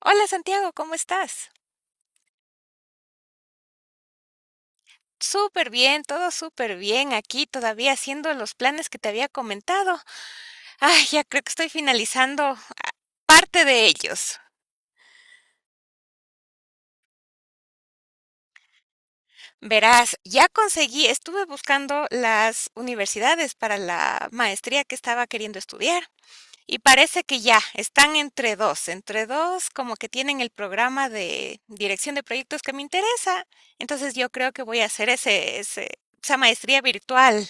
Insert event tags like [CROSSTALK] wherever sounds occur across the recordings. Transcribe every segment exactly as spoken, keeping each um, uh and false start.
Hola Santiago, ¿cómo estás? Súper bien, todo súper bien aquí, todavía haciendo los planes que te había comentado. Ay, ya creo que estoy finalizando parte de ellos. Verás, ya conseguí, estuve buscando las universidades para la maestría que estaba queriendo estudiar y parece que ya están entre dos, entre dos como que tienen el programa de dirección de proyectos que me interesa. Entonces yo creo que voy a hacer ese, ese, esa maestría virtual.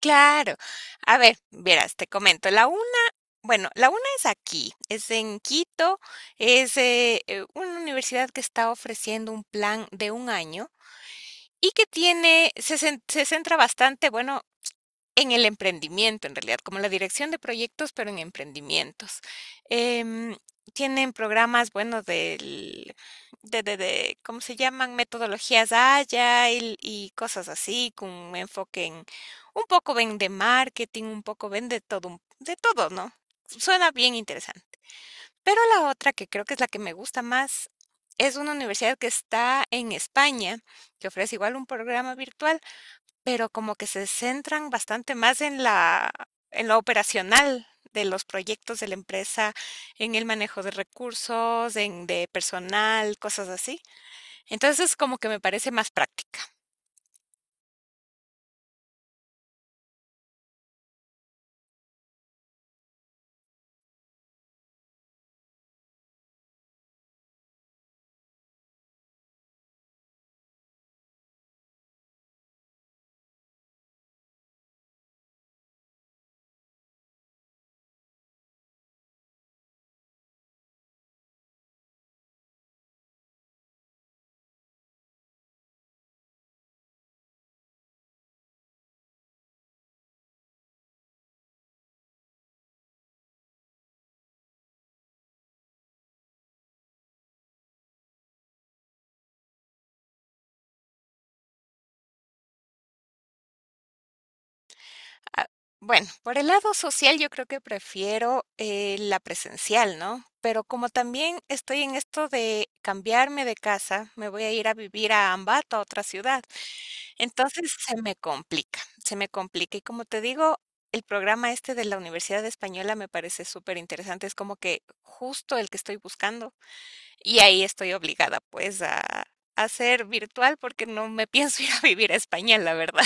Claro. A ver, verás, te comento. La UNA, bueno, la UNA es aquí, es en Quito, es eh, eh, una universidad que está ofreciendo un plan de un año y que tiene, se, cen- se centra bastante, bueno, en el emprendimiento, en realidad, como la dirección de proyectos, pero en emprendimientos. Em, Tienen programas, bueno, del de de de, ¿cómo se llaman? Metodologías Agile y cosas así, con un enfoque en un poco ven de marketing, un poco ven de todo, un- de todo, ¿no? Suena bien interesante. Pero la otra, que creo que es la que me gusta más, es una universidad que está en España, que ofrece igual un programa virtual pero como que se centran bastante más en la en lo operacional de los proyectos de la empresa, en el manejo de recursos, en de personal, cosas así. Entonces, como que me parece más práctica. Ah, bueno, por el lado social yo creo que prefiero eh, la presencial, ¿no? Pero como también estoy en esto de cambiarme de casa, me voy a ir a vivir a Ambato, a otra ciudad. Entonces se me complica, se me complica. Y como te digo, el programa este de la Universidad Española me parece súper interesante. Es como que justo el que estoy buscando. Y ahí estoy obligada pues a, a ser virtual porque no me [LAUGHS] pienso ir a vivir a España, la verdad.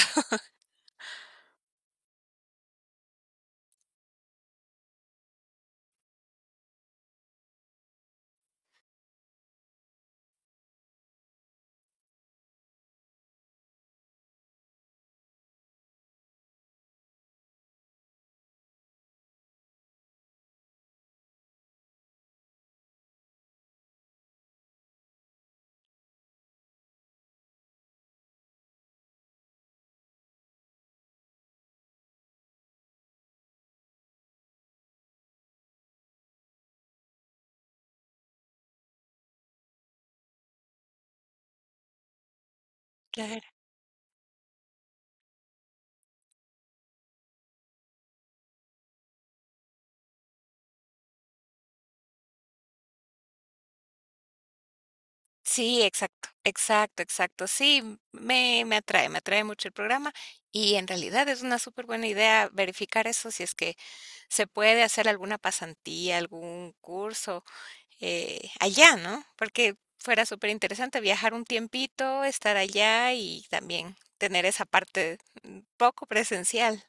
[LAUGHS] Sí, exacto, exacto, exacto. Sí, me, me atrae, me atrae mucho el programa y en realidad es una súper buena idea verificar eso si es que se puede hacer alguna pasantía, algún curso eh, allá, ¿no? Porque fuera súper interesante viajar un tiempito, estar allá y también tener esa parte mm, poco presencial.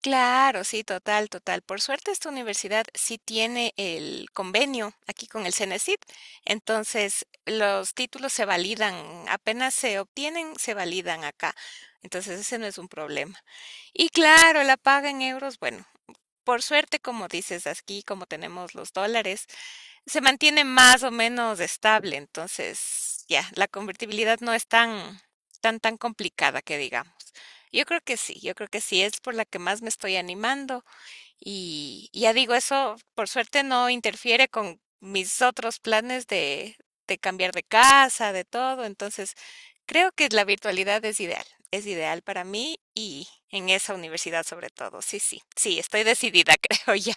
Claro, sí, total, total. Por suerte esta universidad sí tiene el convenio aquí con el CENESID, entonces los títulos se validan, apenas se obtienen, se validan acá. Entonces ese no es un problema. Y claro, la paga en euros, bueno, por suerte, como dices aquí, como tenemos los dólares, se mantiene más o menos estable, entonces ya, la convertibilidad no es tan tan tan complicada que digamos. Yo creo que sí, yo creo que sí, es por la que más me estoy animando y y ya digo, eso por suerte no interfiere con mis otros planes de de cambiar de casa, de todo, entonces creo que la virtualidad es ideal, es ideal para mí y en esa universidad sobre todo. Sí, sí, sí, estoy decidida, [LAUGHS] creo ya.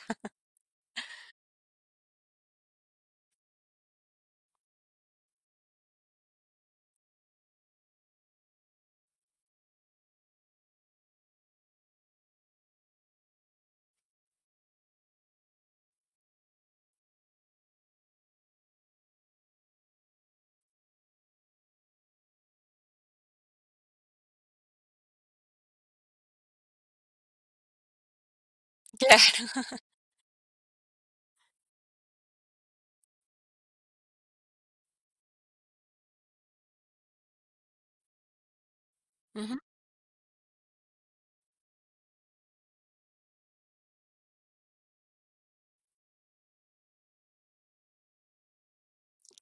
Claro. Ujú.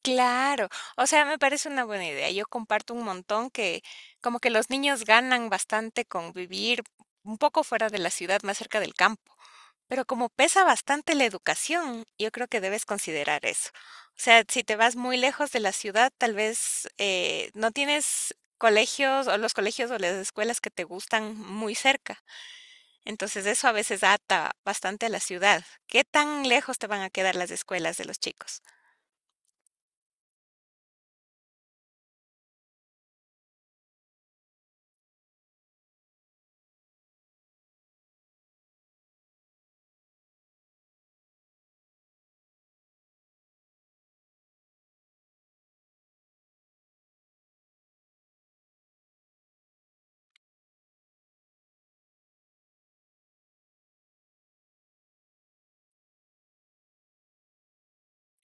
Claro, o sea, me parece una buena idea. Yo comparto un montón que como que los niños ganan bastante con vivir un poco fuera de la ciudad, más cerca del campo. Pero como pesa bastante la educación, yo creo que debes considerar eso. O sea, si te vas muy lejos de la ciudad, tal vez eh, no tienes colegios o los colegios o las escuelas que te gustan muy cerca. Entonces eso a veces ata bastante a la ciudad. ¿Qué tan lejos te van a quedar las escuelas de los chicos?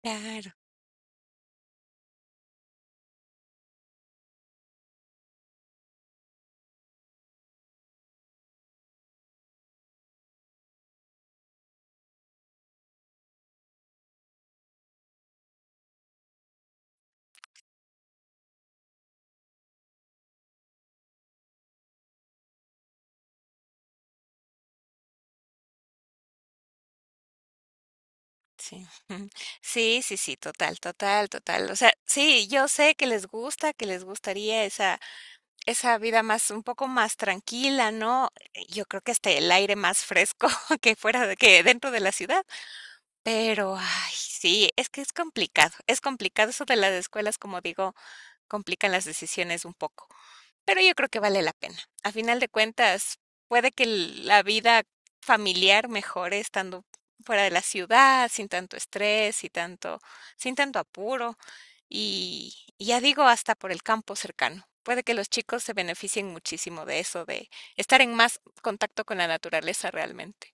Claro. Sí. [LAUGHS] Sí, sí, sí, total, total, total. O sea, sí, yo sé que les gusta, que les gustaría esa esa vida más un poco más tranquila, ¿no? Yo creo que hasta el aire más fresco [LAUGHS] que fuera de que dentro de la ciudad, pero, ay, sí, es que es complicado, es complicado eso de las escuelas, como digo, complican las decisiones un poco. Pero yo creo que vale la pena. A final de cuentas, puede que la vida familiar mejore estando fuera de la ciudad, sin tanto estrés y tanto, sin tanto apuro. Y, y ya digo, hasta por el campo cercano. Puede que los chicos se beneficien muchísimo de eso, de estar en más contacto con la naturaleza realmente.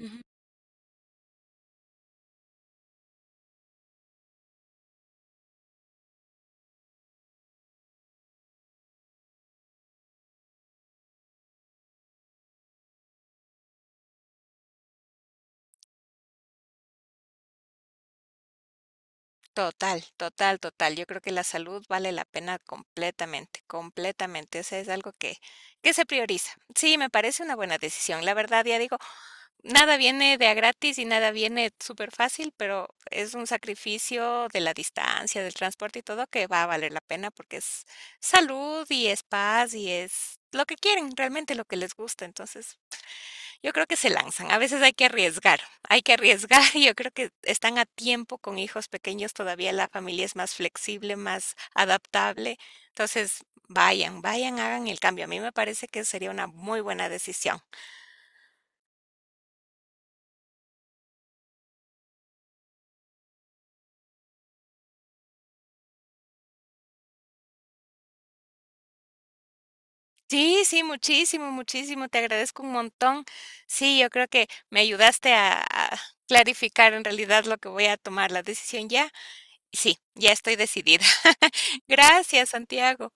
Ujú. Total, total, total. Yo creo que la salud vale la pena completamente, completamente. Ese es algo que, que se prioriza. Sí, me parece una buena decisión. La verdad, ya digo, nada viene de a gratis y nada viene súper fácil, pero es un sacrificio de la distancia, del transporte y todo que va a valer la pena porque es salud y es paz y es lo que quieren, realmente lo que les gusta. Entonces, yo creo que se lanzan. A veces hay que arriesgar, hay que arriesgar. [LAUGHS] Y yo creo que están a tiempo con hijos pequeños, todavía la familia es más flexible, más adaptable. Entonces, vayan, vayan, hagan el cambio. A mí me parece que sería una muy buena decisión. Sí, sí, muchísimo, muchísimo. Te agradezco un montón. Sí, yo creo que me ayudaste a, a clarificar en realidad lo que voy a tomar, la decisión ya. Sí, ya estoy decidida. [LAUGHS] Gracias, Santiago.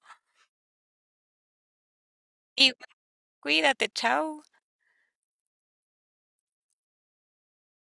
Y cuídate, chao.